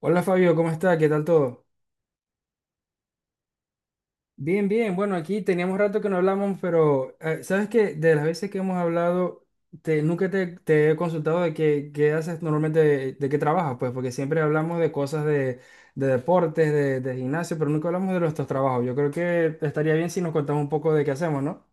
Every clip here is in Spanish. Hola Fabio, ¿cómo está? ¿Qué tal todo? Bien, bien. Bueno, aquí teníamos rato que no hablamos, pero sabes que de las veces que hemos hablado, nunca te he consultado de qué haces normalmente, de qué trabajas, pues, porque siempre hablamos de cosas de de, deportes, de gimnasio, pero nunca hablamos de nuestros trabajos. Yo creo que estaría bien si nos contamos un poco de qué hacemos, ¿no?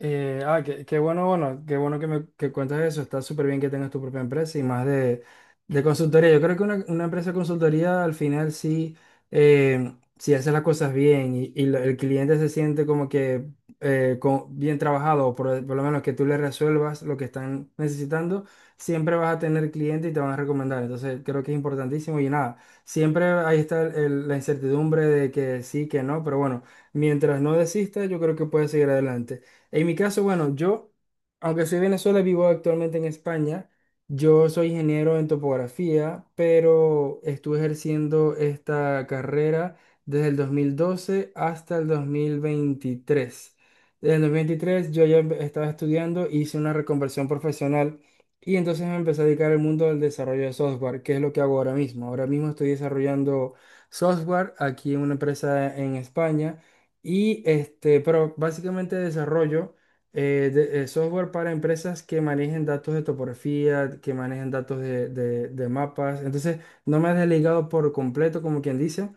Qué bueno que me que cuentas eso. Está súper bien que tengas tu propia empresa y más de consultoría. Yo creo que una empresa de consultoría al final sí, si hace las cosas bien y el cliente se siente como que bien trabajado, por lo menos que tú le resuelvas lo que están necesitando, siempre vas a tener cliente y te van a recomendar. Entonces creo que es importantísimo y nada, siempre ahí está la incertidumbre de que sí, que no, pero bueno, mientras no desistas, yo creo que puedes seguir adelante. En mi caso, bueno, yo, aunque soy de Venezuela, vivo actualmente en España. Yo soy ingeniero en topografía, pero estuve ejerciendo esta carrera desde el 2012 hasta el 2023. Desde el 2023 yo ya estaba estudiando, hice una reconversión profesional y entonces me empecé a dedicar al mundo del desarrollo de software, que es lo que hago ahora mismo. Ahora mismo estoy desarrollando software aquí en una empresa en España. Y este, pero básicamente desarrollo software para empresas que manejen datos de topografía, que manejen datos de mapas. Entonces, no me he desligado por completo, como quien dice,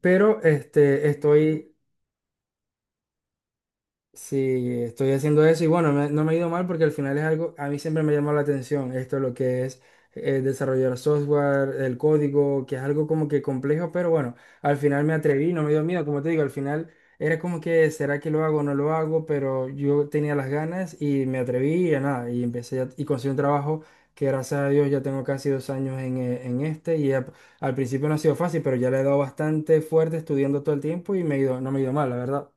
pero este, estoy. Sí, estoy haciendo eso y bueno, no me ha ido mal porque al final es algo, a mí siempre me llamó la atención esto, lo que es desarrollar software, el código, que es algo como que complejo, pero bueno, al final me atreví, no me dio miedo, como te digo, al final era como que, ¿será que lo hago o no lo hago? Pero yo tenía las ganas y me atreví y a nada, y y conseguí un trabajo que gracias a Dios ya tengo casi 2 años en este y al principio no ha sido fácil, pero ya le he dado bastante fuerte estudiando todo el tiempo y me ha ido, no me ha ido mal, la verdad.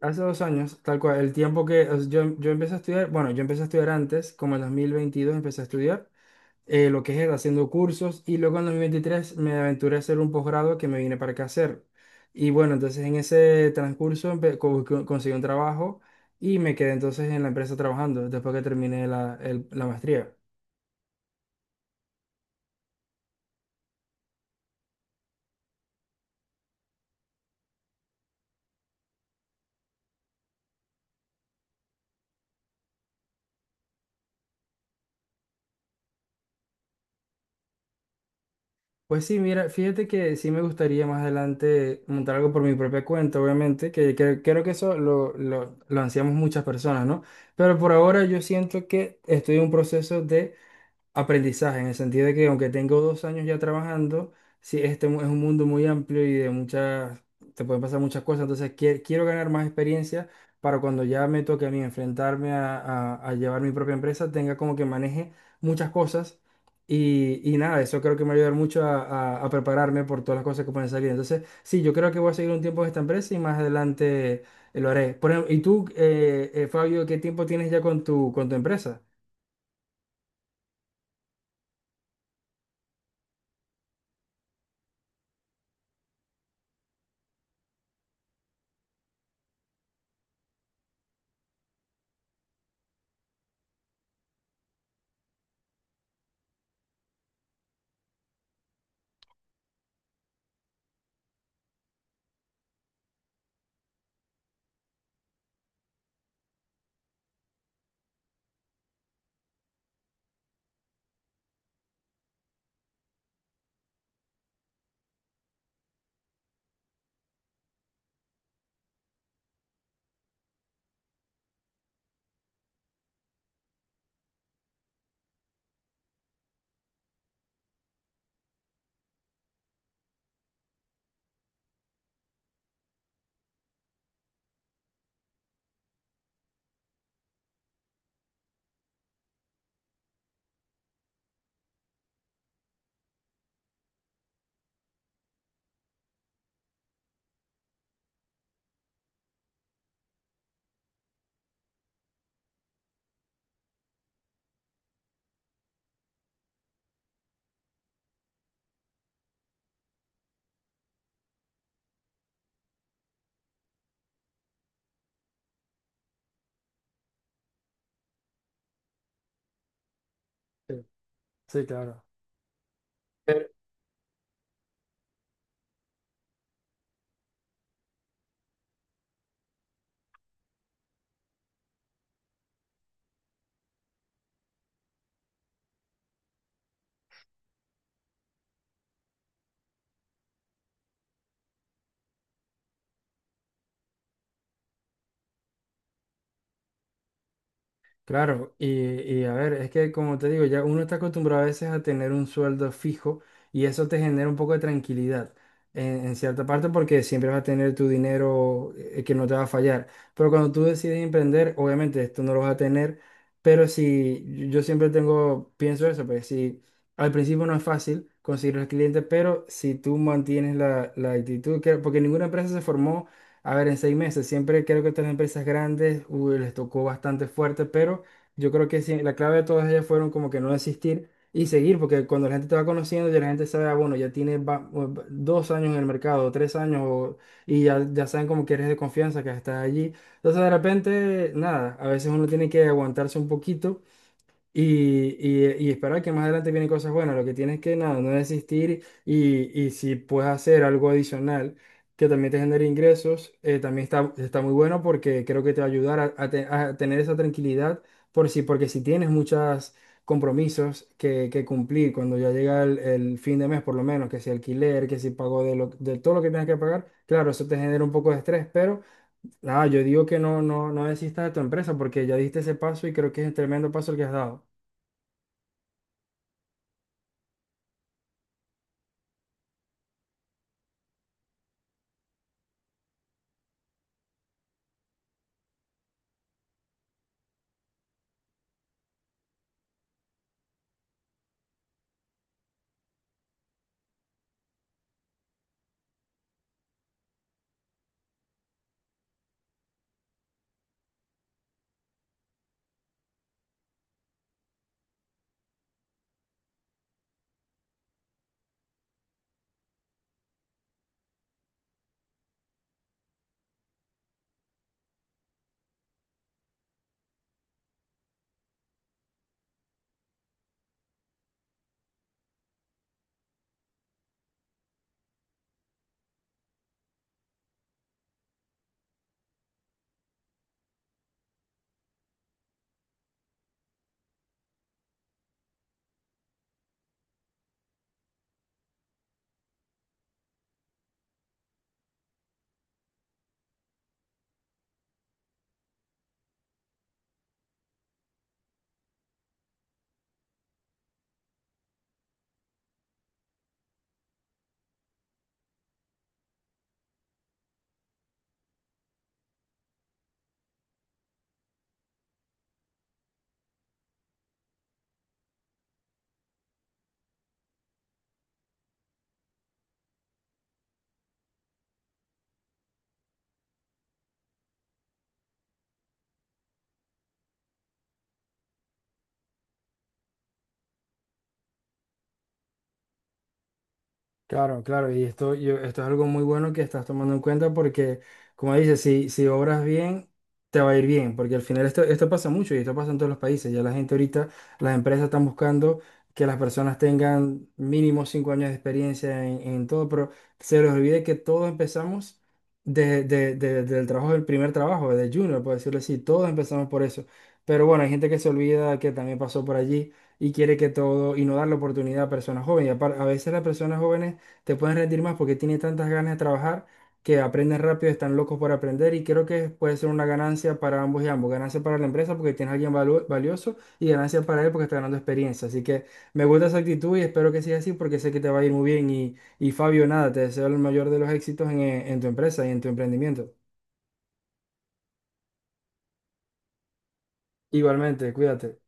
Hace 2 años, tal cual, el tiempo que o sea, yo empecé a estudiar, bueno, yo empecé a estudiar antes, como en 2022 empecé a estudiar lo que es haciendo cursos y luego en 2023 me aventuré a hacer un posgrado que me vine para acá a hacer. Y bueno, entonces en ese transcurso conseguí un trabajo y me quedé entonces en la empresa trabajando después que terminé la maestría. Pues sí, mira, fíjate que sí me gustaría más adelante montar algo por mi propia cuenta, obviamente, creo que eso lo ansiamos muchas personas, ¿no? Pero por ahora yo siento que estoy en un proceso de aprendizaje, en el sentido de que aunque tengo 2 años ya trabajando, sí, es un mundo muy amplio y de muchas, te pueden pasar muchas cosas, entonces quiero ganar más experiencia para cuando ya me toque a mí enfrentarme a, a llevar mi propia empresa, tenga como que maneje muchas cosas y nada, eso creo que me va a ayudar mucho a, a prepararme por todas las cosas que pueden salir. Entonces, sí, yo creo que voy a seguir un tiempo en esta empresa y más adelante lo haré. Por ejemplo, ¿y tú, Fabio, qué tiempo tienes ya con tu empresa? Sí, sí, claro. Claro, y a ver, es que como te digo, ya uno está acostumbrado a veces a tener un sueldo fijo y eso te genera un poco de tranquilidad en cierta parte porque siempre vas a tener tu dinero que no te va a fallar. Pero cuando tú decides emprender, obviamente esto no lo vas a tener, pero si yo siempre tengo, pienso eso, pues si al principio no es fácil conseguir los clientes, pero si tú mantienes la actitud, que, porque ninguna empresa se formó a ver, en 6 meses, siempre creo que estas empresas grandes uy, les tocó bastante fuerte, pero yo creo que sí, la clave de todas ellas fueron como que no desistir y seguir, porque cuando la gente te va conociendo, ya la gente sabe, ah, bueno, ya tiene 2 años en el mercado, 3 años, o- y ya, ya saben como que eres de confianza, que estás allí. Entonces, de repente, nada, a veces uno tiene que aguantarse un poquito y, y esperar que más adelante vienen cosas buenas. Lo que tienes que nada, no desistir y si puedes hacer algo adicional que también te genere ingresos, también está, está muy bueno porque creo que te va a ayudar a, a tener esa tranquilidad por si, porque si tienes muchos compromisos que cumplir cuando ya llega el fin de mes, por lo menos, que si alquiler, que si pago de todo lo que tengas que pagar, claro, eso te genera un poco de estrés, pero. Nada, yo digo que no, no, no desistas de tu empresa porque ya diste ese paso y creo que es un tremendo paso el que has dado. Claro, claro, y esto, esto es algo muy bueno que estás tomando en cuenta porque, como dices, si obras bien, te va a ir bien, porque al final esto, esto pasa mucho y esto pasa en todos los países. Ya la gente ahorita, las empresas están buscando que las personas tengan mínimo 5 años de experiencia en todo, pero se les olvide que todos empezamos del trabajo, del primer trabajo, de junior, por decirlo así, todos empezamos por eso. Pero bueno, hay gente que se olvida que también pasó por allí y quiere que todo y no dar la oportunidad a personas jóvenes. Y a veces las personas jóvenes te pueden rendir más porque tienen tantas ganas de trabajar que aprenden rápido, están locos por aprender y creo que puede ser una ganancia para ambos y ambos. Ganancia para la empresa porque tienes a alguien valioso y ganancia para él porque está ganando experiencia. Así que me gusta esa actitud y espero que siga así porque sé que te va a ir muy bien. Y Fabio, nada, te deseo el mayor de los éxitos en tu empresa y en tu emprendimiento. Igualmente, cuídate.